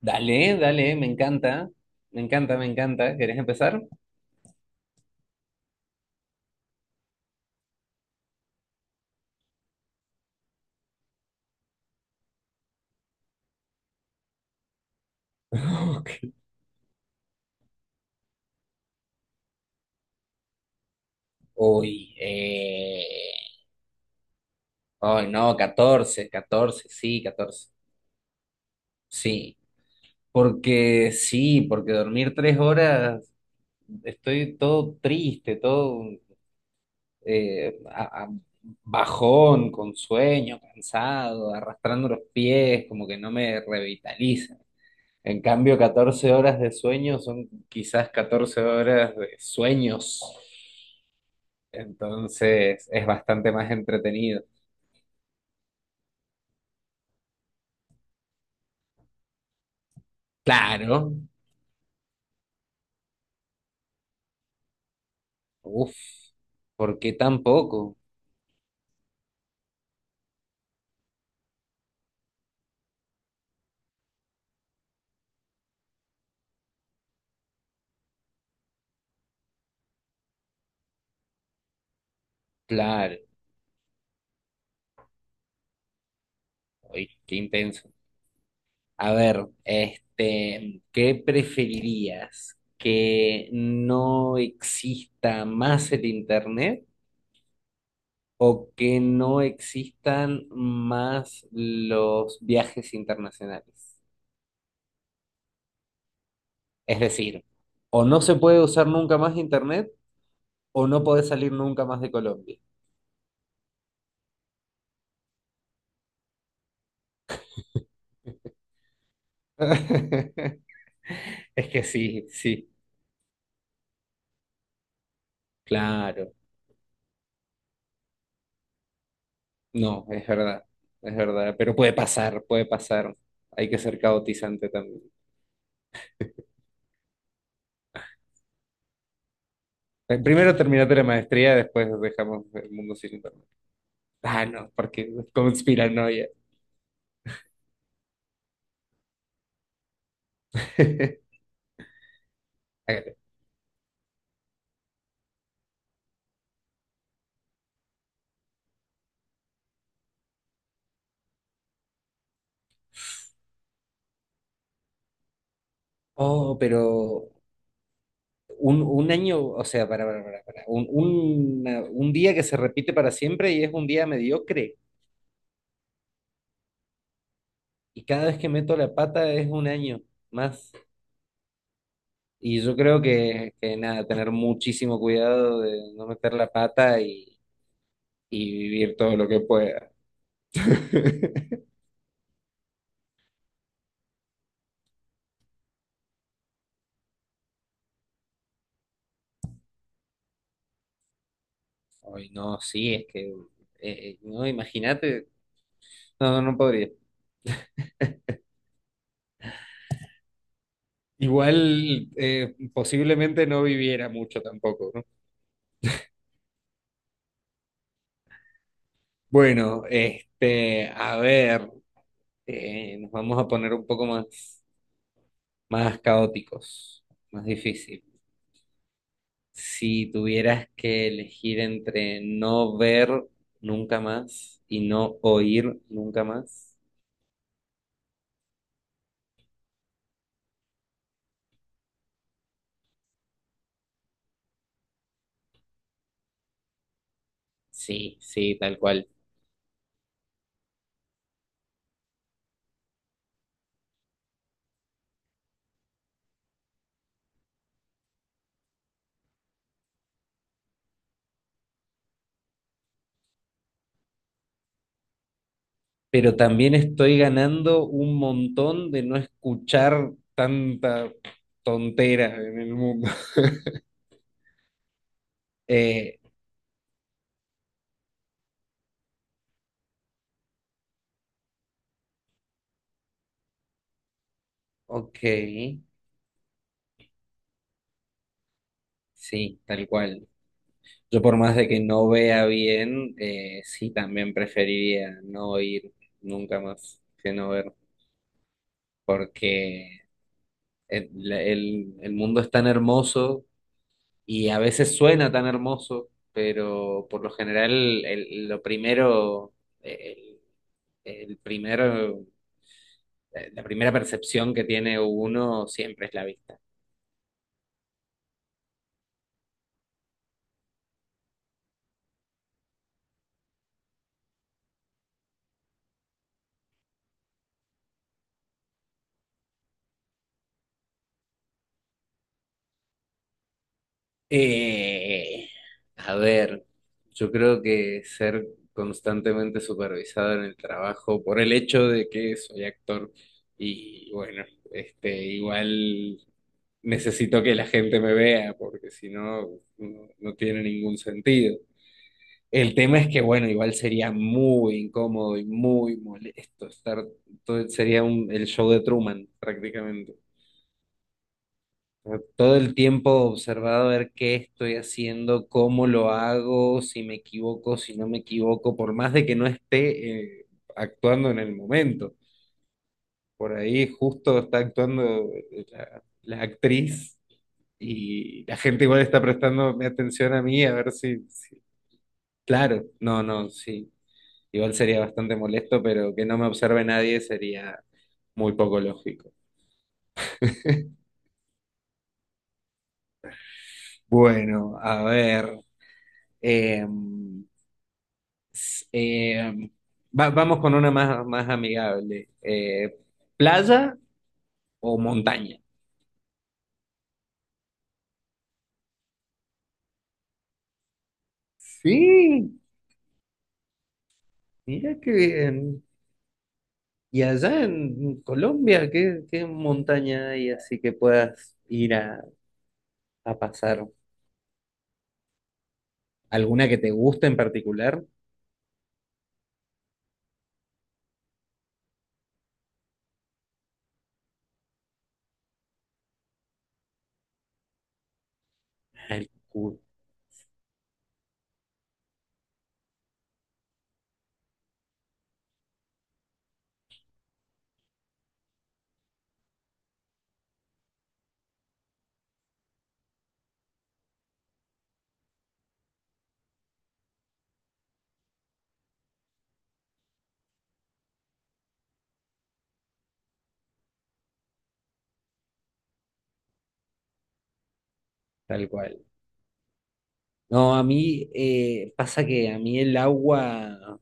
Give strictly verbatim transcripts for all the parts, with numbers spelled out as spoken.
Dale, dale, me encanta. Me encanta, me encanta. ¿Querés empezar? Ok. Uy, eh... Ay, no, catorce, catorce, sí, catorce, sí, porque sí, porque dormir tres horas, estoy todo triste, todo eh, a- a- bajón, con sueño, cansado, arrastrando los pies, como que no me revitaliza. En cambio, catorce horas de sueño son quizás catorce horas de sueños. Entonces es bastante más entretenido. Claro. Uf, ¿por qué tan poco? Claro. Uy, qué intenso. A ver, este, ¿qué preferirías? ¿Que no exista más el internet o que no existan más los viajes internacionales? Es decir, o no se puede usar nunca más internet o no podés salir nunca más de Colombia. Es que sí, sí, claro. No, es verdad, es verdad. Pero puede pasar, puede pasar. Hay que ser caotizante también. Eh, Primero terminate la maestría, después dejamos el mundo sin internet. Ah, no, porque conspiranoia. Hágale. Oh, pero un, un año, o sea, para, para, para, para, un, una- un día que se repite para siempre y es un día mediocre. Y cada vez que meto la pata es un año más. Y yo creo que, que nada, tener muchísimo cuidado de no meter la pata y, y vivir todo lo que pueda. Ay, no, sí, es que, eh, no, imagínate, no, no no podría. Igual, eh, posiblemente no viviera mucho tampoco, ¿no? Bueno, este, a ver, eh, nos vamos a poner un poco más, más caóticos, más difícil. Si tuvieras que elegir entre no ver nunca más y no oír nunca más, sí, sí, tal cual. Pero también estoy ganando un montón de no escuchar tanta tontera en el mundo. Eh, ok, sí, tal cual. Yo por más de que no vea bien, eh, sí, también preferiría no oír nunca más que no ver, porque... el, el- el mundo es tan hermoso y a veces suena tan hermoso, pero por lo general el- lo primero, el, el primero, la primera percepción que tiene uno siempre es la vista. Eh, a ver, yo creo que ser constantemente supervisado en el trabajo por el hecho de que soy actor y bueno, este, igual necesito que la gente me vea, porque si no, no, no tiene ningún sentido. El tema es que, bueno, igual sería muy incómodo y muy molesto estar, todo, sería un, el show de Truman prácticamente. O sea, todo el tiempo observado a ver qué estoy haciendo, cómo lo hago, si me equivoco, si no me equivoco, por más de que no esté eh, actuando en el momento. Por ahí justo está actuando eh, la la actriz. Y la gente igual está prestándome atención a mí, a ver si, si- claro, no, no, sí. Igual sería bastante molesto, pero que no me observe nadie sería muy poco lógico. Bueno, a ver. eh, eh, va- vamos con una más, más amigable. Eh, ¿playa o montaña? Sí, mira qué bien. Y allá en Colombia, ¿qué, qué montaña hay así que puedas ir a, a pasar? ¿Alguna que te guste en particular? El cu- tal cual. No, a mí eh, pasa que a mí el agua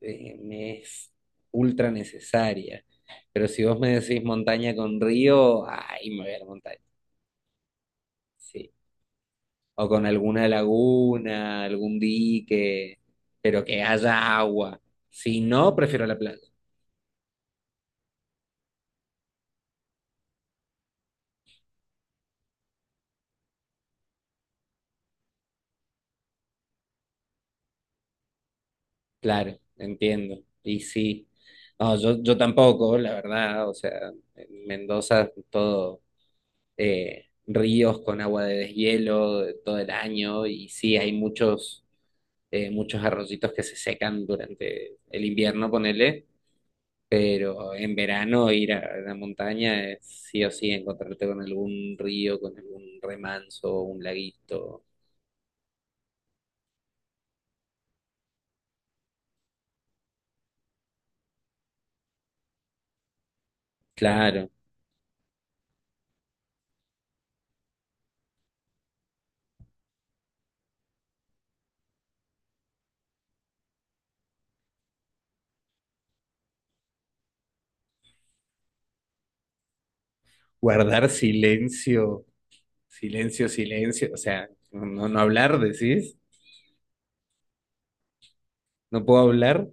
eh, me es ultra necesaria. Pero si vos me decís montaña con río, ahí me voy a la montaña. Sí. O con alguna laguna, algún dique, pero que haya agua. Si no, prefiero la playa. Claro, entiendo. Y sí. No, yo, yo tampoco, la verdad. O sea, en Mendoza todo. eh, ríos con agua de deshielo de todo el año y sí, hay muchos, eh, muchos arroyitos que se secan durante el invierno, ponele, pero en verano ir a la montaña es sí o sí encontrarte con algún río, con algún remanso, un laguito. Claro, guardar silencio, silencio, silencio, o sea, no, no hablar, decís, no puedo hablar.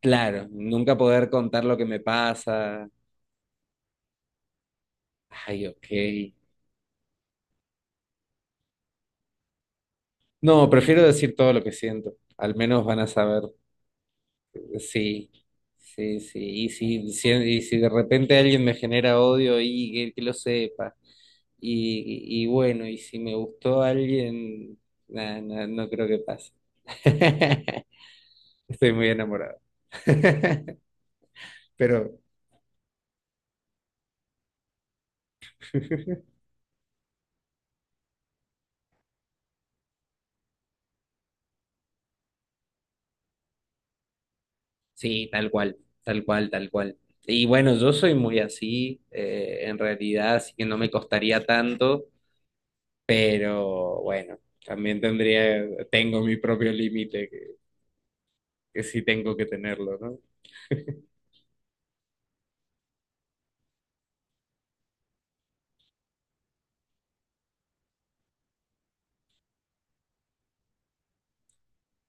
Claro, nunca poder contar lo que me pasa. Ay, ok. No, prefiero decir todo lo que siento. Al menos van a saber eh, sí, sí, sí. Y si, si- y si de repente alguien me genera odio y que, que lo sepa. Y, y bueno, y si me gustó alguien, nah, nah, no creo que pase. Estoy muy enamorado. Pero sí, tal cual, tal cual, tal cual. Y bueno, yo soy muy así, eh, en realidad, así que no me costaría tanto. Pero bueno, también tendría, tengo mi propio límite que, que sí tengo que tenerlo, ¿no?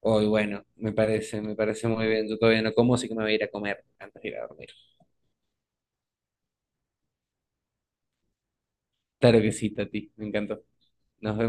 Hoy, bueno, me parece, me parece muy bien. Yo todavía no como, así que me voy a ir a comer antes de ir a dormir. Claro que sí, Tati, me encantó. Nos vemos.